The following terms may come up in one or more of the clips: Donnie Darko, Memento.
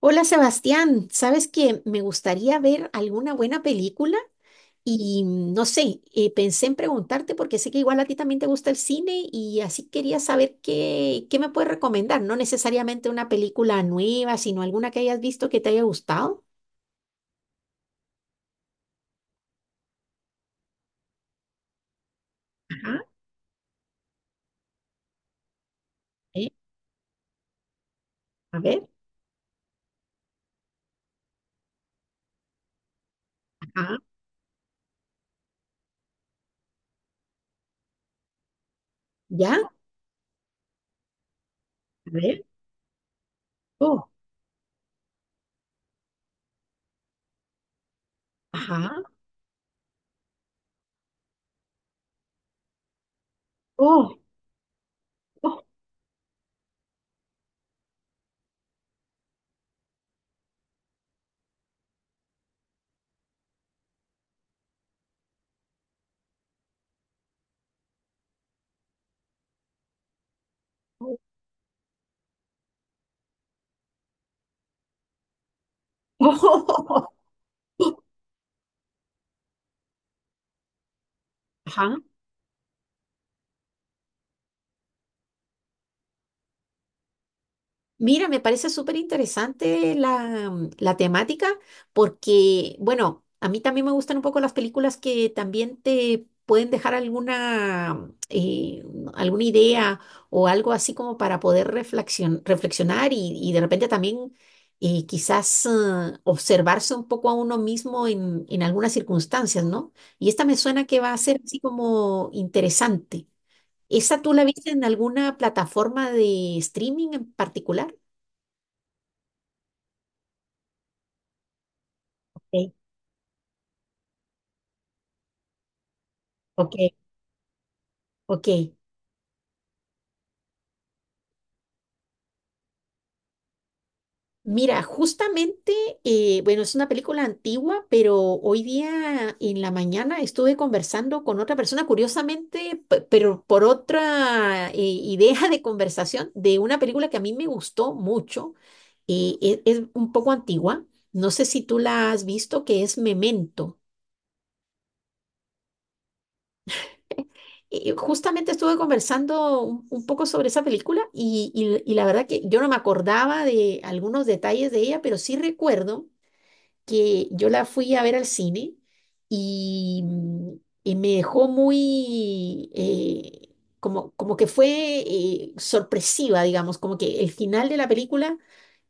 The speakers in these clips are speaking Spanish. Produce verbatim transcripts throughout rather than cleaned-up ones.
Hola Sebastián, sabes que me gustaría ver alguna buena película y mm, no sé, eh, pensé en preguntarte porque sé que igual a ti también te gusta el cine y así quería saber qué, qué me puedes recomendar, no necesariamente una película nueva, sino alguna que hayas visto que te haya gustado. Ajá. eh, a ver. Ajá. Ya, a ver. Oh. Ajá. Oh, oh, oh. Oh, oh, oh, oh. Ajá. Mira, me parece súper interesante la, mm, la temática porque, bueno, a mí también me gustan un poco las películas que también te pueden dejar alguna, eh, alguna idea o algo así como para poder reflexion- reflexionar y, y de repente también eh, quizás eh, observarse un poco a uno mismo en, en algunas circunstancias, ¿no? Y esta me suena que va a ser así como interesante. ¿Esa tú la viste en alguna plataforma de streaming en particular? Ok, ok, ok. Mira, justamente, eh, bueno, es una película antigua, pero hoy día en la mañana estuve conversando con otra persona, curiosamente, pe- pero por otra eh, idea de conversación, de una película que a mí me gustó mucho. Eh, e- es un poco antigua, no sé si tú la has visto, que es Memento. Eh, justamente estuve conversando un, un poco sobre esa película y, y y la verdad que yo no me acordaba de algunos detalles de ella, pero sí recuerdo que yo la fui a ver al cine y, mm, y me dejó muy, eh, como, como que fue eh, sorpresiva, digamos, como que el final de la película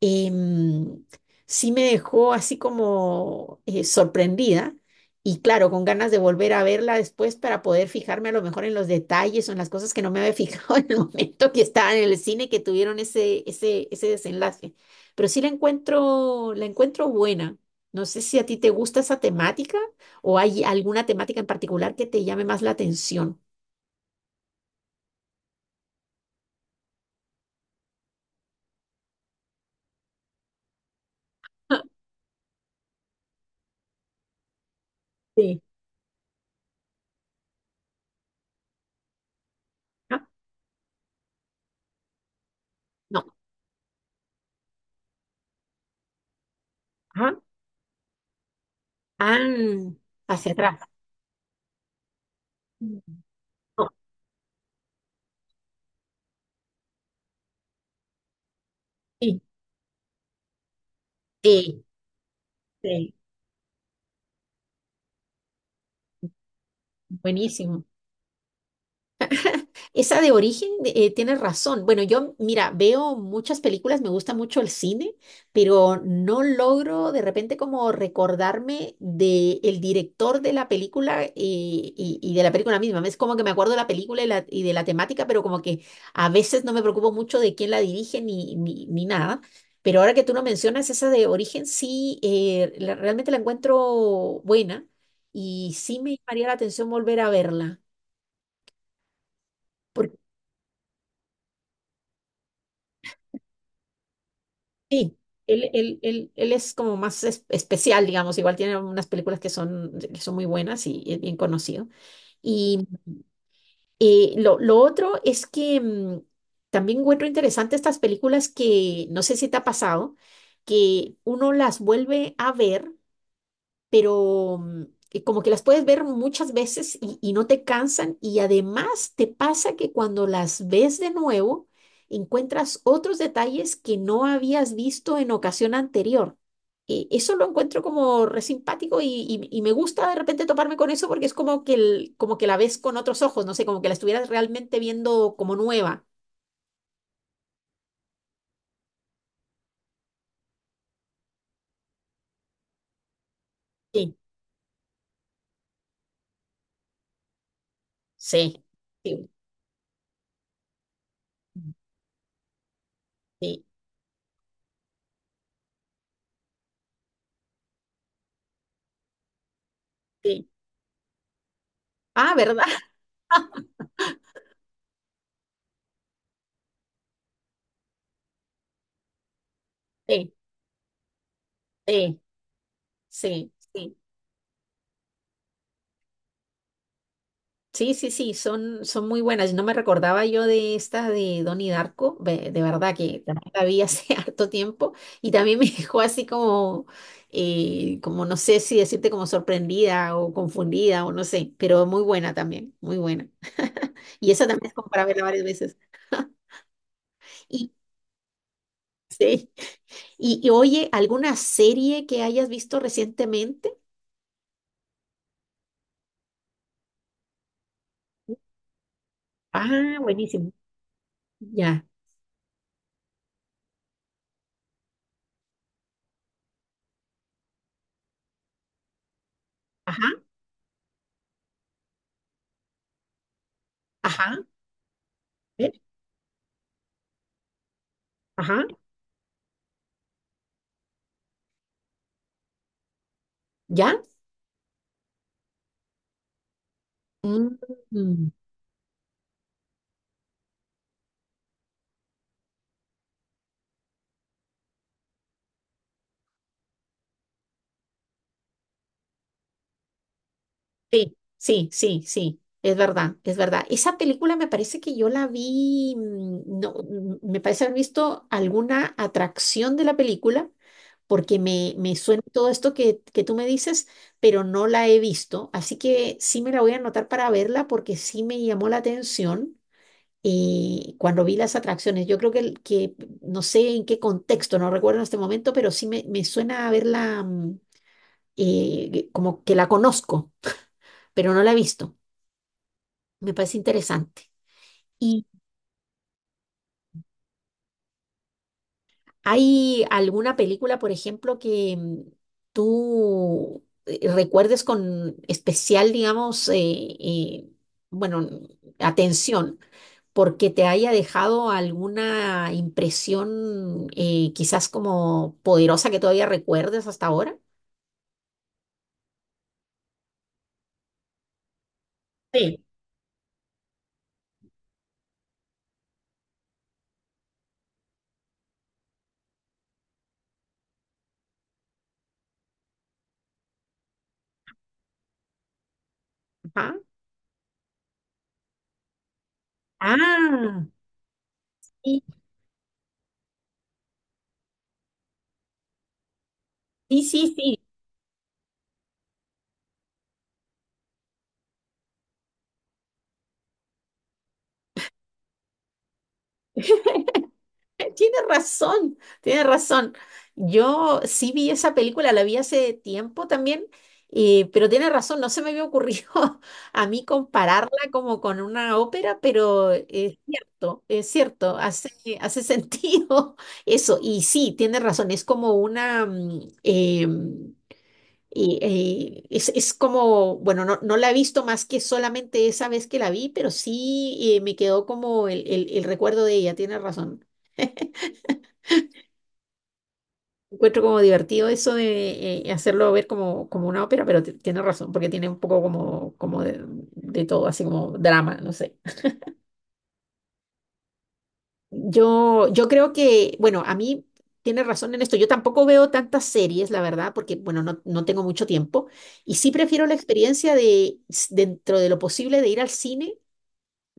em, sí me dejó así como eh, sorprendida y claro, con ganas de volver a verla después para poder fijarme a lo mejor en los detalles o en las cosas que no me había fijado en el momento que estaba en el cine que tuvieron ese, ese, ese desenlace. Pero sí la encuentro, la encuentro buena. No sé si a ti te gusta esa temática o hay alguna temática en particular que te llame más la atención. Sí. Ah. No. Ajá. Ah, hacia atrás. Mm. No. Sí, sí, sí. Buenísimo. Esa de origen, eh, tienes razón. Bueno, yo, mira, veo muchas películas, me gusta mucho el cine, pero no logro de repente como recordarme de el director de la película eh, y, y de la película misma. Es como que me acuerdo de la película y, la- y de la temática, pero como que a veces no me preocupo mucho de quién la dirige ni, ni, ni nada. Pero ahora que tú lo mencionas, esa de origen sí, eh, la- realmente la encuentro buena y sí me llamaría la atención volver a verla. Sí, él, él, él, él es como más es- especial, digamos, igual tiene unas películas que son, que son muy buenas y es bien conocido. Y eh, lo, lo otro es que mm, también encuentro interesante estas películas que no sé si te ha pasado, que uno las vuelve a ver pero mm, eh, como que las puedes ver muchas veces y, y no te cansan y además te pasa que cuando las ves de nuevo encuentras otros detalles que no habías visto en ocasión anterior. Eh, eso lo encuentro como re simpático y, y- y me gusta de repente toparme con eso porque es como que, el- como que la ves con otros ojos, no sé, como que la estuvieras realmente viendo como nueva. Sí, sí, sí, sí, sí. Ah, ¿verdad? Sí, sí, sí. Sí. Sí, sí, sí, son, son muy buenas. No me recordaba yo de esta de Donnie Darko, ve- de, verdad que también la vi hace harto tiempo y también me dejó así como, eh, como no sé si decirte como sorprendida o confundida o no sé, pero muy buena también, muy buena. Y esa también es como para verla varias veces. Y, sí, y, y oye, ¿alguna serie que hayas visto recientemente? Ah, buenísimo. Ya. Ajá, ajá, eh, ajá, ya. Mm. Sí, sí, sí, sí, es verdad, es verdad. Esa película me parece que yo la vi, mm, no, mm, me parece haber visto alguna atracción de la película, porque me, me suena todo esto que, que tú me dices, pero no la he visto, así que sí me la voy a anotar para verla porque sí me llamó la atención eh, cuando vi las atracciones. Yo creo que, el- que no sé en qué contexto, no recuerdo en este momento, pero sí me, me suena haberla mm, eh, como que la conozco, pero no la he visto. Me parece interesante. ¿Y hay alguna película, por ejemplo, que mm, tú eh, recuerdes con especial, digamos, eh, eh, bueno, n- atención, porque te haya dejado alguna impresión eh, quizás como poderosa que todavía recuerdes hasta ahora? Sí. Ajá. Ah, sí, sí, sí, sí. Tiene razón, tiene razón. Yo sí vi esa película, la vi hace tiempo también, eh, pero tiene razón, no se me había ocurrido a mí compararla como con una ópera, pero es cierto, es cierto, hace, hace sentido eso. Y sí, tiene razón, es como una... mm, eh, y, eh, es, es como, bueno, no, no la he visto más que solamente esa vez que la vi, pero sí eh, me quedó como el, el el recuerdo de ella, tiene razón. Encuentro como divertido eso de eh, hacerlo ver como, como una ópera, pero ti- tienes razón, porque tiene un poco como, como de, de todo, así como drama, no sé. Yo, yo creo que, bueno, a mí tiene razón en esto. Yo tampoco veo tantas series, la verdad, porque, bueno, no, no tengo mucho tiempo. Y sí prefiero la experiencia de, s- dentro de lo posible, de ir al cine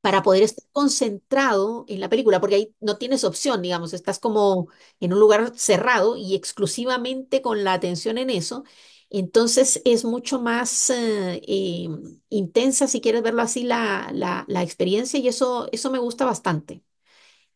para poder estar concentrado en la película, porque ahí no tienes opción, digamos, estás como en un lugar cerrado y exclusivamente con la atención en eso. Entonces es mucho más eh, eh, intensa, si quieres verlo así, la, la, la experiencia y eso, eso me gusta bastante.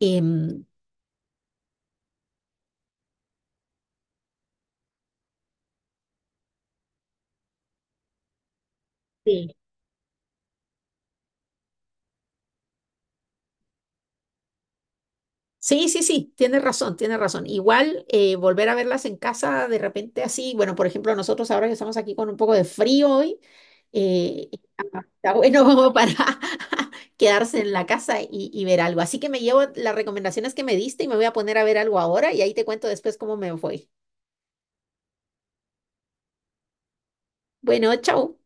Em, Sí. Sí, sí, sí, tienes razón, tienes razón. Igual eh, volver a verlas en casa de repente así, bueno, por ejemplo, nosotros ahora que estamos aquí con un poco de frío hoy, eh, está está bueno para quedarse en la casa y, y ver algo. Así que me llevo las recomendaciones que me diste y me voy a poner a ver algo ahora y ahí te cuento después cómo me fue. Bueno, chao.